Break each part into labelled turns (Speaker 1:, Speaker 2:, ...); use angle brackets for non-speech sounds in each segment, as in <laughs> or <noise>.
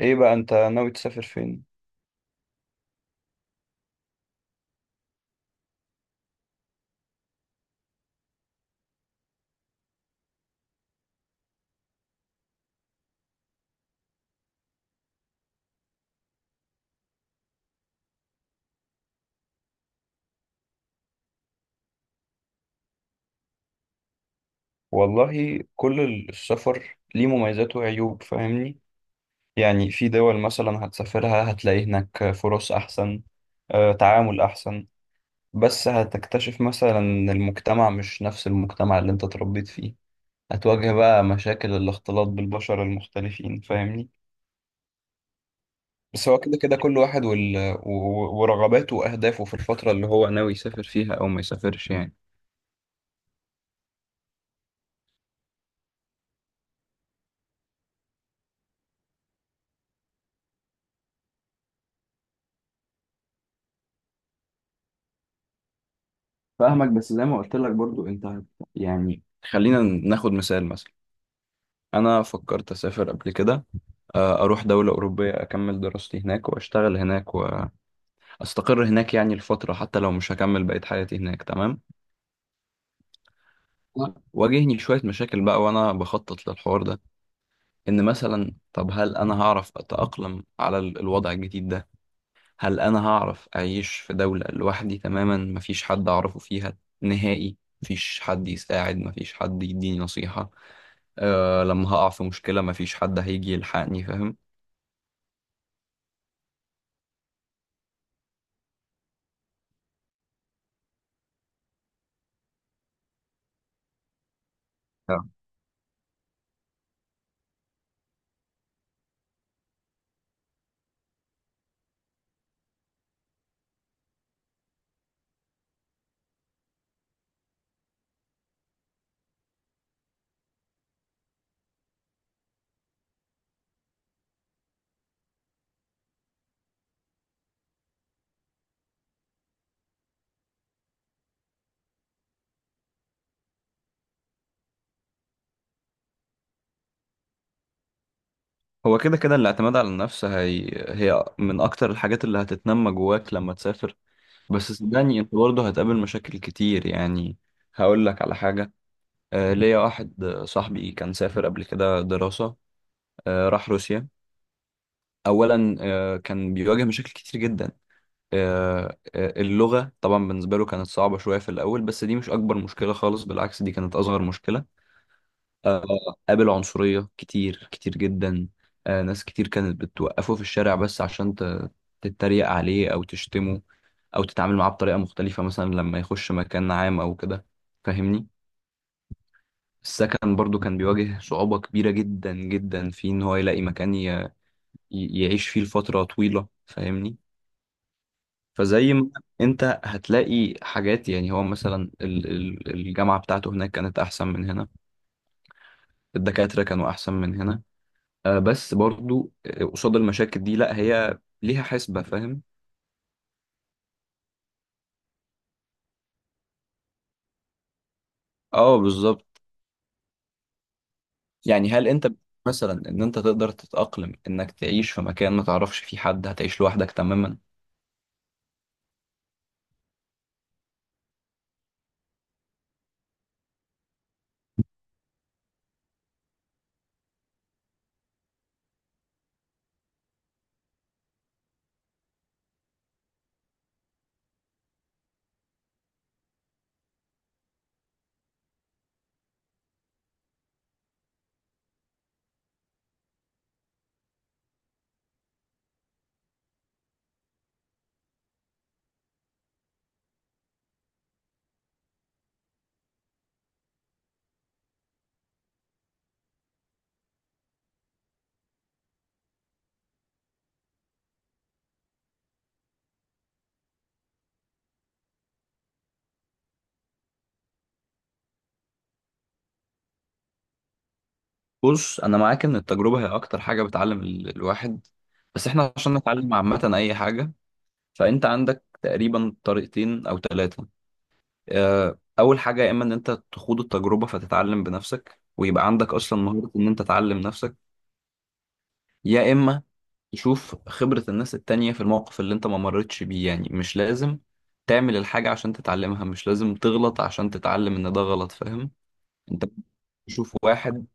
Speaker 1: ايه بقى انت ناوي تسافر فين؟ والله كل السفر ليه مميزات وعيوب، فاهمني. يعني في دول مثلا هتسافرها هتلاقي هناك فرص احسن، تعامل احسن. بس هتكتشف مثلا ان المجتمع مش نفس المجتمع اللي انت اتربيت فيه. هتواجه بقى مشاكل الاختلاط بالبشر المختلفين، فاهمني. بس هو كده كده كل واحد ورغباته واهدافه في الفترة اللي هو ناوي يسافر فيها او ما يسافرش، يعني. فاهمك، بس زي ما قلت لك برضو انت يعني، خلينا ناخد مثال مثلا. انا فكرت اسافر قبل كده، اروح دولة اوروبية اكمل دراستي هناك واشتغل هناك واستقر هناك يعني لفترة، حتى لو مش هكمل بقية حياتي هناك، تمام. واجهني شوية مشاكل بقى وانا بخطط للحوار ده، ان مثلا طب هل انا هعرف اتأقلم على الوضع الجديد ده؟ هل انا هعرف اعيش في دولة لوحدي تماما مفيش حد اعرفه فيها نهائي؟ مفيش حد يساعد، مفيش حد يديني نصيحة. لما هقع في مشكلة مفيش حد هيجي يلحقني، فاهم. آه. هو كده كده الاعتماد على النفس هي، هي من أكتر الحاجات اللي هتتنمى جواك لما تسافر. بس صدقني أنت برضه هتقابل مشاكل كتير، يعني هقول لك على حاجة. ليا واحد صاحبي كان سافر قبل كده دراسة. راح روسيا. أولا كان بيواجه مشاكل كتير جدا. أه آه، اللغة طبعا بالنسبة له كانت صعبة شوية في الأول، بس دي مش أكبر مشكلة خالص، بالعكس دي كانت أصغر مشكلة. آه، قابل عنصرية كتير كتير جدا. ناس كتير كانت بتوقفه في الشارع بس عشان تتريق عليه أو تشتمه أو تتعامل معاه بطريقة مختلفة مثلا لما يخش مكان عام أو كده، فاهمني. السكن برضو كان بيواجه صعوبة كبيرة جدا جدا في إن هو يلاقي مكان يعيش فيه لفترة طويلة، فاهمني. فزي ما، أنت هتلاقي حاجات، يعني هو مثلا الجامعة بتاعته هناك كانت أحسن من هنا، الدكاترة كانوا أحسن من هنا. بس برضو قصاد المشاكل دي لا هي ليها حسبة، فاهم. اه، بالظبط. يعني هل انت مثلا ان انت تقدر تتأقلم انك تعيش في مكان ما تعرفش فيه حد، هتعيش لوحدك تماما؟ بص انا معاك ان التجربة هي اكتر حاجة بتعلم الواحد. بس احنا عشان نتعلم عامة اي حاجة، فانت عندك تقريبا طريقتين او ثلاثة. اول حاجة يا اما ان انت تخوض التجربة فتتعلم بنفسك ويبقى عندك اصلا مهارة ان انت تعلم نفسك، يا اما يشوف خبرة الناس التانية في الموقف اللي انت ما مرتش بيه. يعني مش لازم تعمل الحاجة عشان تتعلمها، مش لازم تغلط عشان تتعلم ان ده غلط، فاهم. انت تشوف واحد،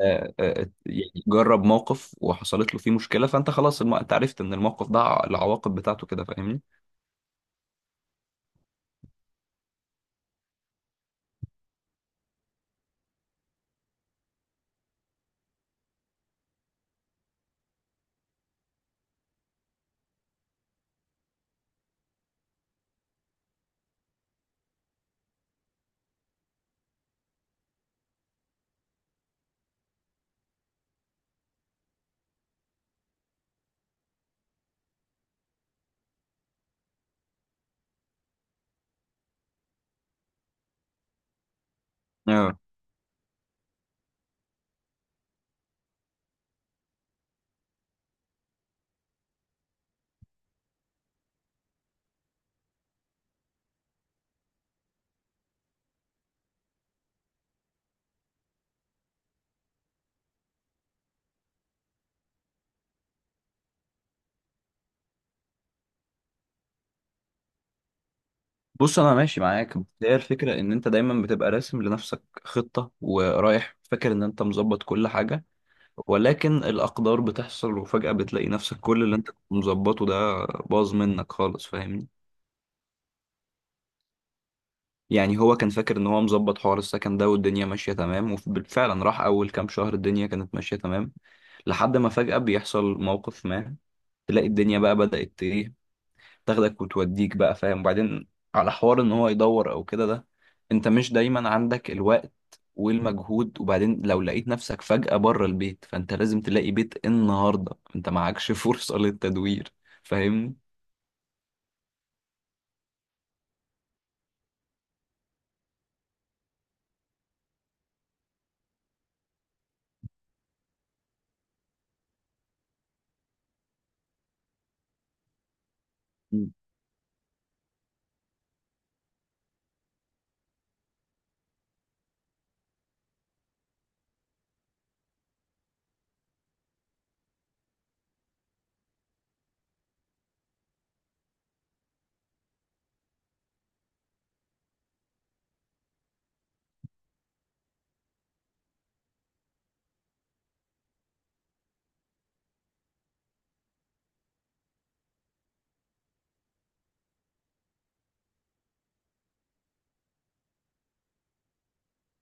Speaker 1: يعني جرب موقف وحصلت له فيه مشكلة، فانت خلاص انت عرفت ان الموقف ده العواقب بتاعته كده، فاهمني. اه، بص انا ماشي معاك، بس هي الفكرة ان انت دايما بتبقى راسم لنفسك خطة ورايح فاكر ان انت مظبط كل حاجة. ولكن الأقدار بتحصل وفجأة بتلاقي نفسك كل اللي انت كنت مظبطه ده باظ منك خالص، فاهمني. يعني هو كان فاكر ان هو مظبط حوار السكن ده والدنيا ماشية تمام، وفعلا راح أول كام شهر الدنيا كانت ماشية تمام، لحد ما فجأة بيحصل موقف ما، تلاقي الدنيا بقى بدأت ايه، تاخدك وتوديك بقى، فاهم. وبعدين على حوار ان هو يدور او كده ده، انت مش دايما عندك الوقت والمجهود. وبعدين لو لقيت نفسك فجأة بره البيت فانت لازم تلاقي بيت النهاردة، انت معكش <laughs> فرصة للتدوير، فاهمني. مم.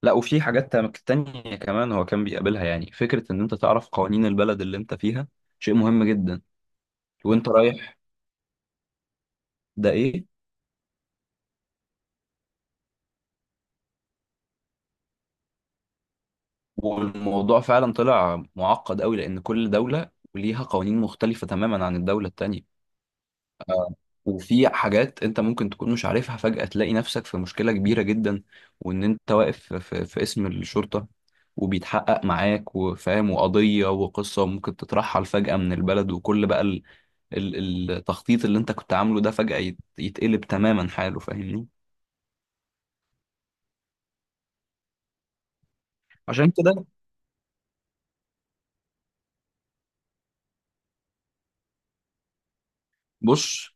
Speaker 1: لا، وفي حاجات تانية كمان هو كان بيقابلها، يعني فكرة ان انت تعرف قوانين البلد اللي انت فيها شيء مهم جدا. وانت رايح ده ايه؟ والموضوع فعلا طلع معقد قوي لان كل دولة وليها قوانين مختلفة تماما عن الدولة التانية. وفي حاجات انت ممكن تكون مش عارفها، فجأة تلاقي نفسك في مشكلة كبيرة جدا، وان انت واقف في اسم الشرطة وبيتحقق معاك، وفاهم وقضية وقصة وممكن تترحل فجأة من البلد، وكل بقى التخطيط اللي انت كنت عامله ده فجأة يتقلب تماما حاله، فاهمني. عشان كده، بص،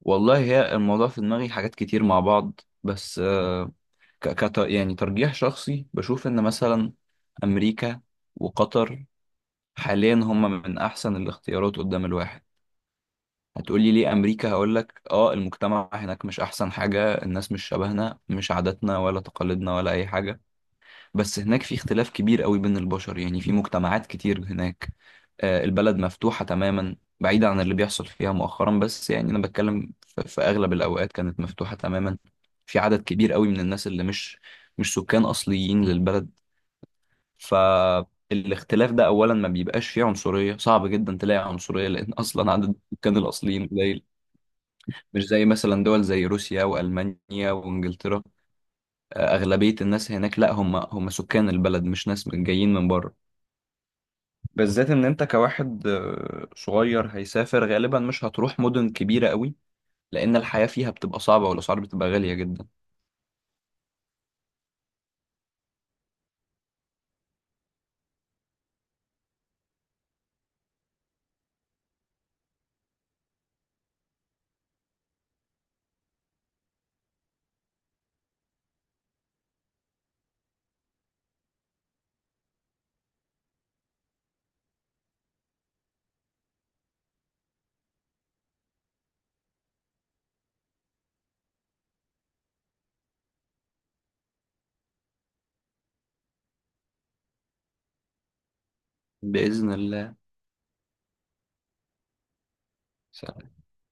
Speaker 1: والله هي الموضوع في دماغي حاجات كتير مع بعض، بس يعني ترجيح شخصي بشوف ان مثلا امريكا وقطر حاليا هم من احسن الاختيارات قدام الواحد. هتقولي ليه امريكا؟ هقولك اه، المجتمع هناك مش احسن حاجة، الناس مش شبهنا مش عاداتنا ولا تقاليدنا ولا اي حاجة، بس هناك في اختلاف كبير قوي بين البشر. يعني في مجتمعات كتير هناك، البلد مفتوحة تماما بعيدة عن اللي بيحصل فيها مؤخرا، بس يعني انا بتكلم في اغلب الاوقات كانت مفتوحة تماما. في عدد كبير قوي من الناس اللي مش سكان اصليين للبلد. فالاختلاف ده اولا ما بيبقاش فيه عنصريه، صعب جدا تلاقي عنصريه لان <laughs> اصلا عدد السكان الاصليين قليل. مش زي مثلا دول زي روسيا والمانيا وانجلترا، اغلبيه الناس هناك لا هم هم سكان البلد مش ناس جايين من بره. بالذات ان انت كواحد صغير هيسافر غالبا مش هتروح مدن كبيره قوي لان الحياه فيها بتبقى صعبه والاسعار بتبقى غاليه جدا. باذن الله